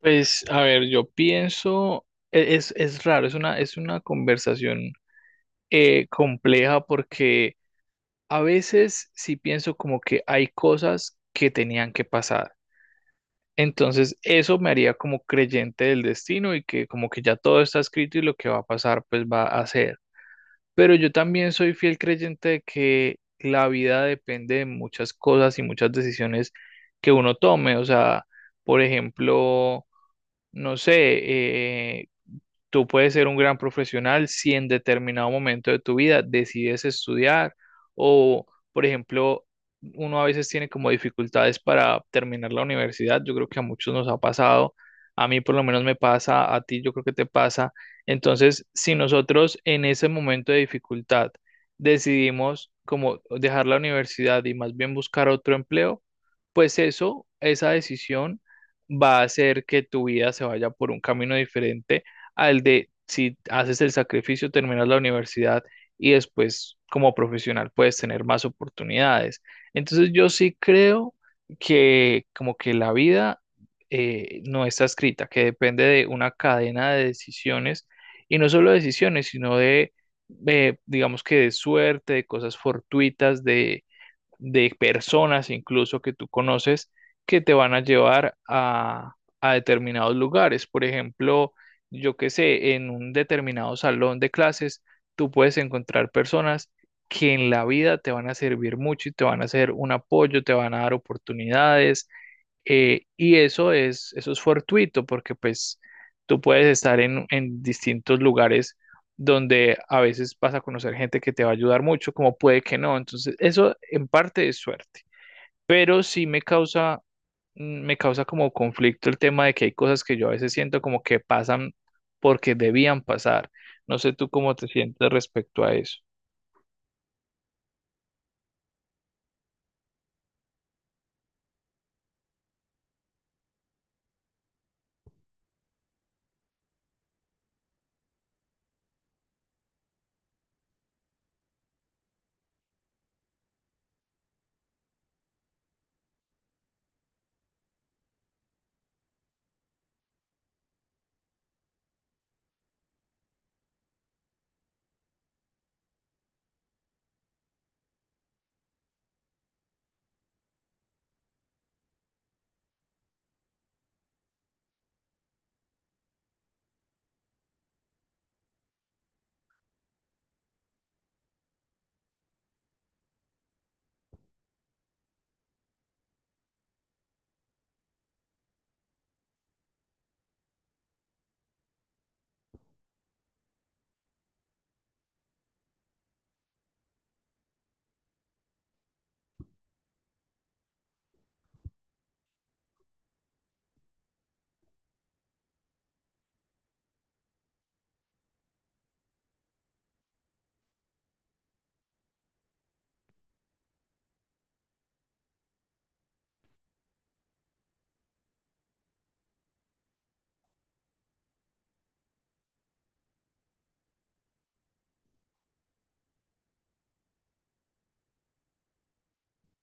Pues, a ver, yo pienso, es raro, es una conversación compleja porque a veces sí pienso como que hay cosas que tenían que pasar. Entonces, eso me haría como creyente del destino y que como que ya todo está escrito y lo que va a pasar, pues va a ser. Pero yo también soy fiel creyente de que la vida depende de muchas cosas y muchas decisiones que uno tome. O sea, por ejemplo, no sé, tú puedes ser un gran profesional si en determinado momento de tu vida decides estudiar o, por ejemplo, uno a veces tiene como dificultades para terminar la universidad. Yo creo que a muchos nos ha pasado. A mí por lo menos me pasa, a ti yo creo que te pasa. Entonces, si nosotros en ese momento de dificultad decidimos como dejar la universidad y más bien buscar otro empleo, pues eso, esa decisión va a hacer que tu vida se vaya por un camino diferente al de si haces el sacrificio, terminas la universidad y después como profesional puedes tener más oportunidades. Entonces yo sí creo que como que la vida no está escrita, que depende de una cadena de decisiones y no solo decisiones, sino de, digamos que de suerte, de cosas fortuitas, de personas incluso que tú conoces que te van a llevar a determinados lugares. Por ejemplo, yo qué sé, en un determinado salón de clases, tú puedes encontrar personas que en la vida te van a servir mucho y te van a hacer un apoyo, te van a dar oportunidades, y eso es fortuito porque pues tú puedes estar en distintos lugares donde a veces vas a conocer gente que te va a ayudar mucho, como puede que no. Entonces, eso en parte es suerte, pero sí me causa, me causa como conflicto el tema de que hay cosas que yo a veces siento como que pasan porque debían pasar. No sé tú cómo te sientes respecto a eso,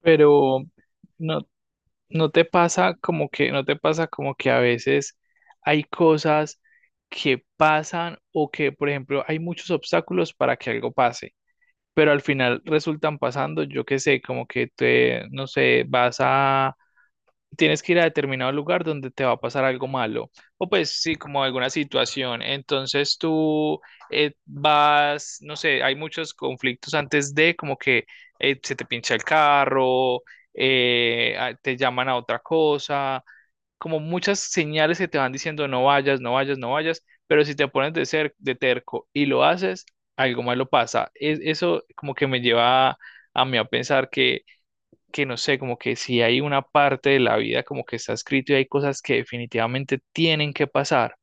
pero no, no te pasa como que, no te pasa como que a veces hay cosas que pasan o que, por ejemplo, hay muchos obstáculos para que algo pase, pero al final resultan pasando, yo qué sé, como que te, no sé, vas a tienes que ir a determinado lugar donde te va a pasar algo malo, o pues sí, como alguna situación. Entonces tú vas, no sé, hay muchos conflictos antes de como que se te pincha el carro, te llaman a otra cosa, como muchas señales que te van diciendo no vayas, no vayas, no vayas, pero si te pones de ser de terco y lo haces, algo malo pasa. Es, eso como que me lleva a mí a pensar que no sé, como que si hay una parte de la vida como que está escrito y hay cosas que definitivamente tienen que pasar.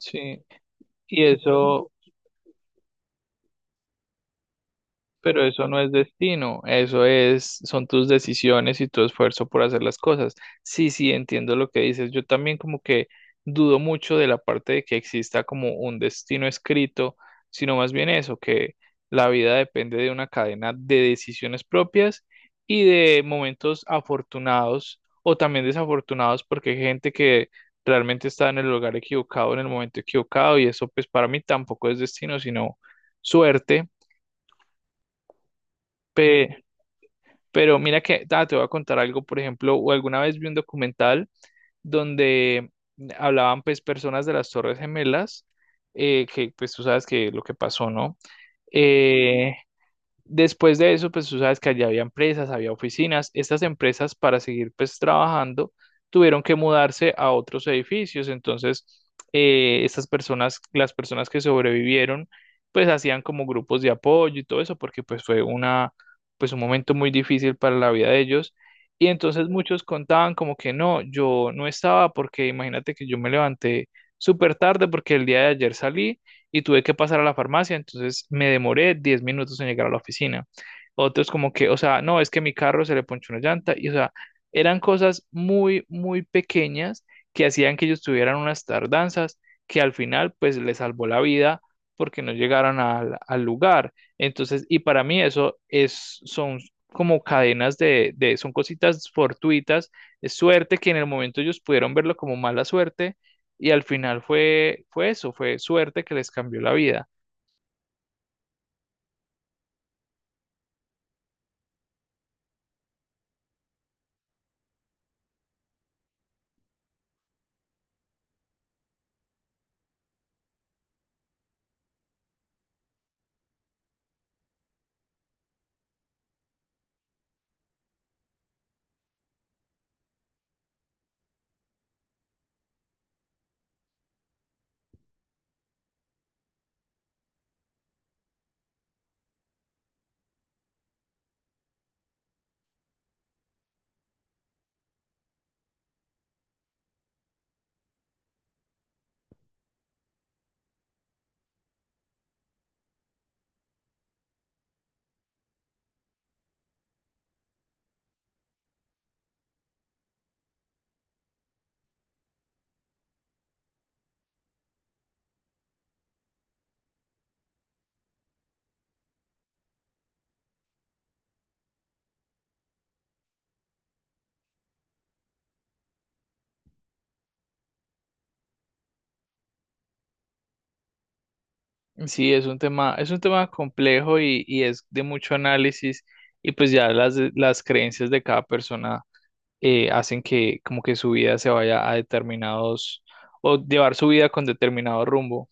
Sí, y eso. Pero eso no es destino, eso es, son tus decisiones y tu esfuerzo por hacer las cosas. Sí, sí, entiendo lo que dices. Yo también como que dudo mucho de la parte de que exista como un destino escrito, sino más bien eso, que la vida depende de una cadena de decisiones propias y de momentos afortunados o también desafortunados, porque hay gente que realmente está en el lugar equivocado, en el momento equivocado, y eso pues para mí tampoco es destino, sino suerte. pe- pero mira que, ah, te voy a contar algo. Por ejemplo, o alguna vez vi un documental donde hablaban pues personas de las Torres Gemelas, que pues tú sabes que lo que pasó, ¿no? Eh, Después de eso, pues tú sabes que allá había empresas, había oficinas. Estas empresas para seguir pues trabajando tuvieron que mudarse a otros edificios. Entonces, estas personas, las personas que sobrevivieron, pues hacían como grupos de apoyo y todo eso, porque pues fue una, pues un momento muy difícil para la vida de ellos. Y entonces muchos contaban como que no, yo no estaba porque imagínate que yo me levanté súper tarde porque el día de ayer salí y tuve que pasar a la farmacia, entonces me demoré 10 minutos en llegar a la oficina. Otros como que, o sea, no, es que mi carro se le ponchó una llanta y, o sea, eran cosas muy, muy pequeñas que hacían que ellos tuvieran unas tardanzas que al final pues les salvó la vida porque no llegaron al, al lugar. Entonces, y para mí eso es, son como cadenas de, son cositas fortuitas, es suerte que en el momento ellos pudieron verlo como mala suerte, y al final fue, fue eso, fue suerte que les cambió la vida. Sí, es un tema complejo y es de mucho análisis y pues ya las creencias de cada persona hacen que como que su vida se vaya a determinados o llevar su vida con determinado rumbo.